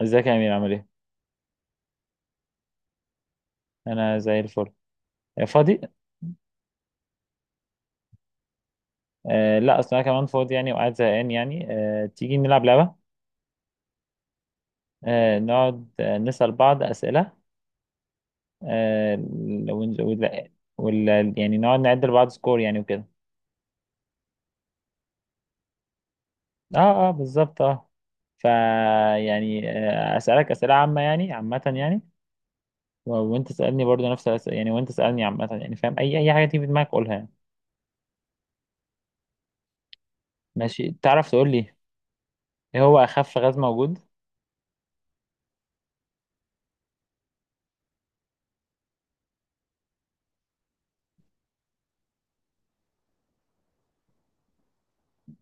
ازيك يا امير عامل ايه؟ انا زي الفل. آه، فاضي. آه، لا، اصل انا كمان فاضي يعني وقاعد زهقان يعني. تيجي نلعب لعبه؟ نقعد نسال بعض اسئله. آه ون- ولا يعني نقعد نعد لبعض سكور يعني وكده. اه، اه، بالظبط، اه. فا يعني اسالك اسئله عامه يعني، عامه يعني. وانت تسالني برضو نفس الاسئله يعني، وانت تسالني عامه يعني، فاهم اي حاجه تيجي في دماغك قولها يعني. ماشي، تعرف تقول لي ايه هو اخف غاز موجود؟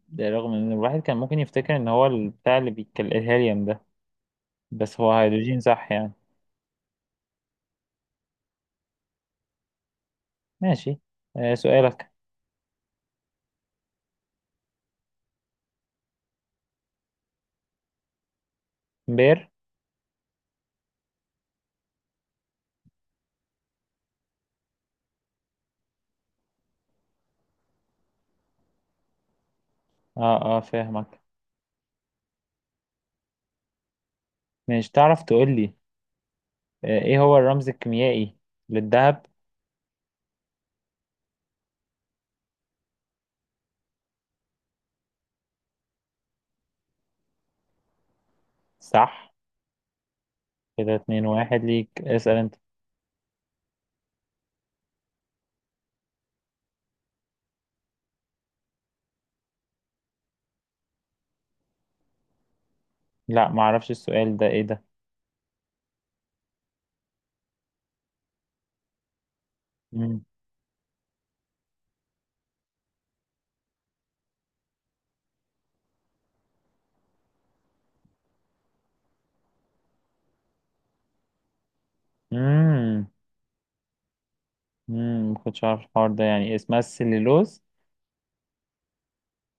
ده رغم ان الواحد كان ممكن يفتكر ان هو البتاع اللي بيتكلم الهيليوم ده، بس هو هيدروجين صح يعني. ماشي. آه، سؤالك. بير. اه، اه، فاهمك. ماشي، تعرف تقول لي ايه هو الرمز الكيميائي للذهب؟ صح. كده اتنين واحد ليك، اسأل انت. لا، معرفش السؤال ده، ايه ده؟ مم. مم. مم. ما كنتش عارف الحوار ده، يعني اسمها السليلوز.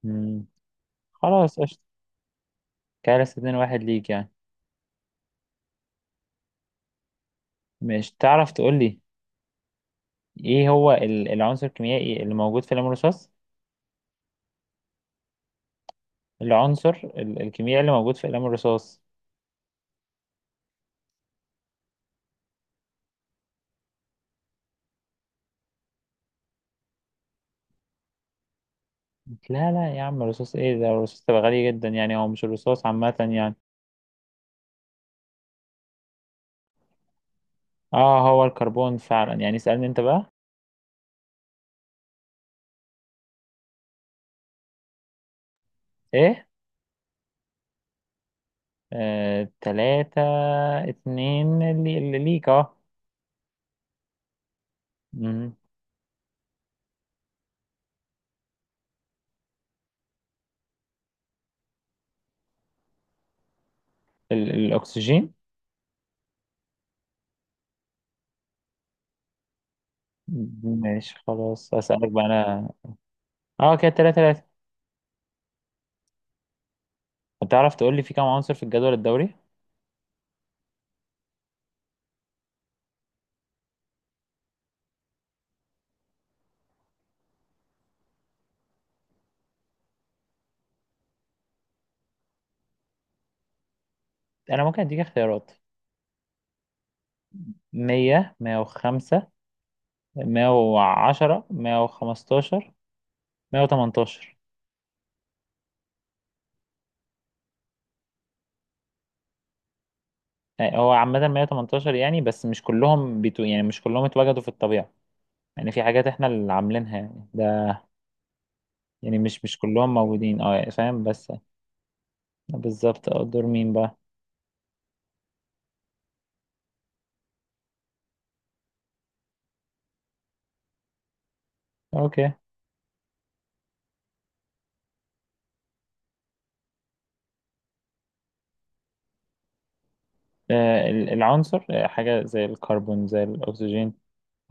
مم. خلاص قشطة. كده لسه اتنين واحد ليك يعني. ماشي، تعرف تقول لي ايه هو العنصر الكيميائي اللي موجود في قلم الرصاص؟ العنصر الكيميائي اللي موجود في قلم الرصاص. لا لا يا عم، الرصاص؟ ايه ده، الرصاص تبقى غالي جدا يعني، هو مش الرصاص عامة يعني. اه، هو الكربون فعلا يعني، اسألني انت بقى. ايه؟ آه، تلاتة اتنين، اللي ليك اه. مم. الاكسجين. ماشي خلاص، اسألك بقى انا. اه كده تلاتة تلاتة. هتعرف تقول لي في كام عنصر في الجدول الدوري؟ انا ممكن اديك اختيارات. 100، 105، 110، 115، 118. يعني هو عامة 118 يعني، بس مش كلهم بيتو يعني، مش كلهم اتوجدوا في الطبيعة يعني، في حاجات احنا اللي عاملينها يعني ده، يعني مش كلهم موجودين، اه فاهم بس. بالظبط اه. دور مين بقى؟ اوكي. آه، العنصر، آه، حاجة زي الكربون زي الأكسجين،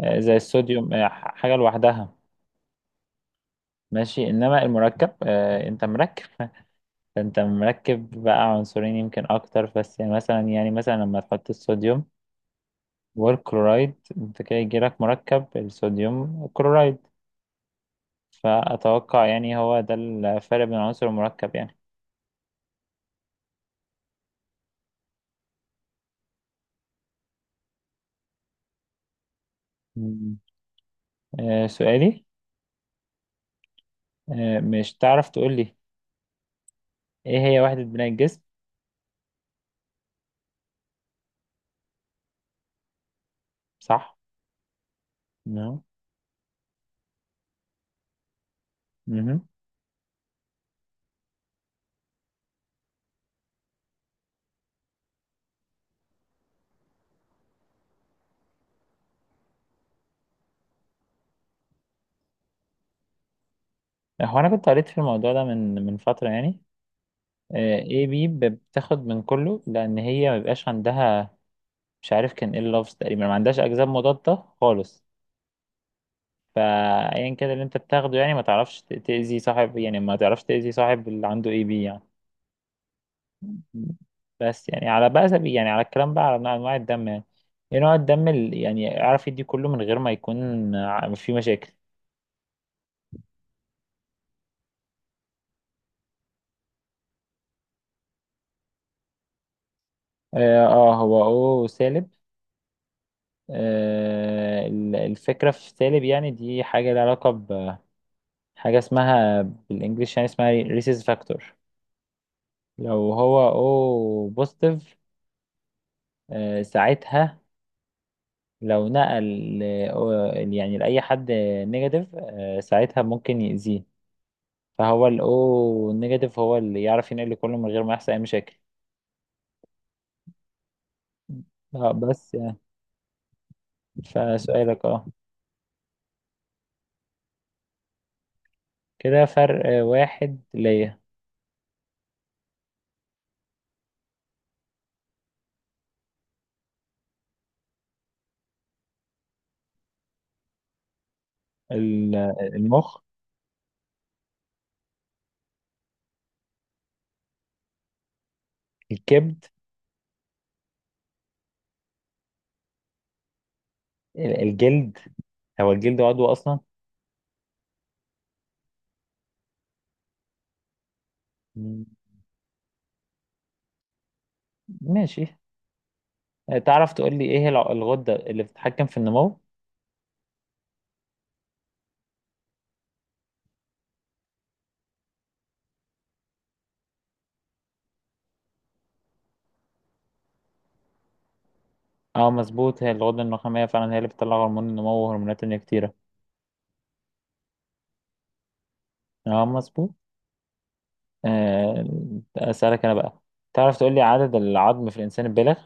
آه، زي الصوديوم، حاجة لوحدها. ماشي، إنما المركب، آه، أنت مركب، أنت مركب بقى عنصرين يمكن أكتر، بس يعني مثلا، يعني مثلا لما تحط الصوديوم والكلورايد، انت كده يجيلك مركب الصوديوم كلورايد. فأتوقع يعني هو ده الفرق بين عنصر المركب يعني. مم. آه، سؤالي. مش تعرف تقول لي ايه هي وحدة بناء الجسم؟ صح؟ نعم. مهم. هو أنا كنت قريت في الموضوع ده من فترة يعني. آه، ايه بي، بتاخد من كله، لأن هي مبيبقاش عندها، مش عارف كان ايه اللفظ، تقريبا ما عندهاش أجزاء مضادة خالص. فايا كده اللي انت بتاخده يعني، ما تعرفش تأذي صاحب، يعني ما تعرفش تأذي صاحب اللي عنده اي بي يعني. بس يعني على بقى سبيل، يعني على الكلام بقى على انواع الدم يعني، ايه نوع الدم اللي يعني اعرف يدي كله من غير ما يكون في مشاكل. اه، آه، هو او سالب. آه، الفكرة في سالب يعني، دي حاجة لها علاقة بحاجة اسمها بالانجلش، يعني اسمها ريسيس فاكتور. لو هو او بوزيتيف، آه ساعتها، لو نقل يعني لأي حد نيجاتيف، آه، ساعتها ممكن يأذيه. فهو الأو نيجاتيف هو اللي يعرف ينقل كله من غير ما يحصل أي مشاكل. اه بس يعني. فسؤالك اه. كده فرق، آه، واحد ليا. ال- المخ. الكبد. الجلد. هو الجلد عضو أصلا؟ مم. ماشي. آه، تعرف تقول لي إيه هي الغدة اللي بتتحكم في النمو؟ اه مظبوط، هي الغدة النخامية فعلا، هي اللي بتطلع هرمون النمو وهرمونات تانية كتيرة. اه مظبوط. آه، أسألك أنا بقى، تعرف تقول لي عدد العظم في الإنسان البالغ؟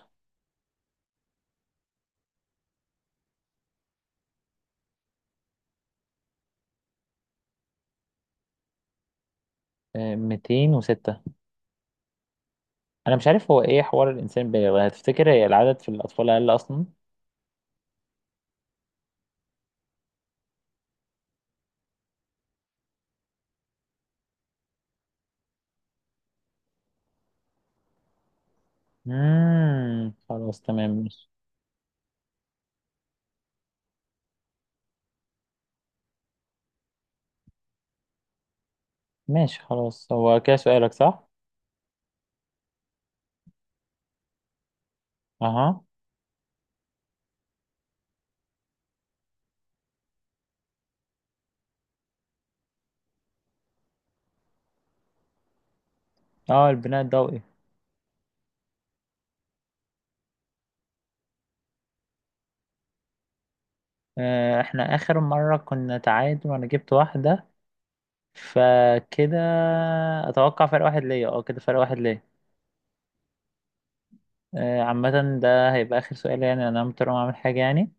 آه، 206. أنا مش عارف هو إيه حوار الإنسان البالغ، هتفتكر هي العدد في الأطفال أقل أصلا؟ مم. خلاص تمام ماشي. ماشي خلاص، هو كده سؤالك صح؟ أها. أه، البناء الضوئي. آه، إحنا آخر مرة كنا تعادل وأنا جبت واحدة، فكده أتوقع فرق واحد ليا، أه كده فرق واحد ليا. آه، عامة ده هيبقى آخر سؤال يعني، أنا مضطر أقوم أعمل حاجة يعني.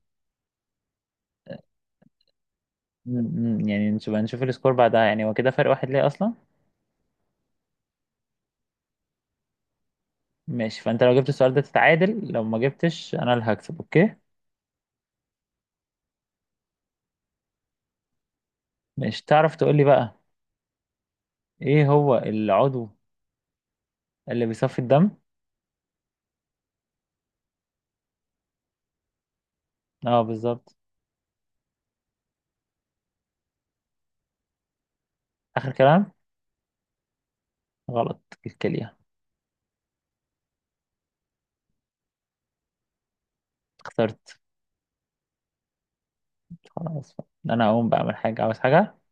م- م. يعني نشوف السكور بعدها، يعني هو كده فرق واحد ليه اصلا. ماشي، فانت لو جبت السؤال ده تتعادل، لو ما جبتش انا اللي هكسب. اوكي، مش تعرف تقول لي بقى ايه هو العضو اللي بيصفي الدم؟ اه بالظبط. اخر كلام. غلط، الكلية. خسرت. خلاص بقى. انا هقوم بقى اعمل حاجة، عاوز حاجة.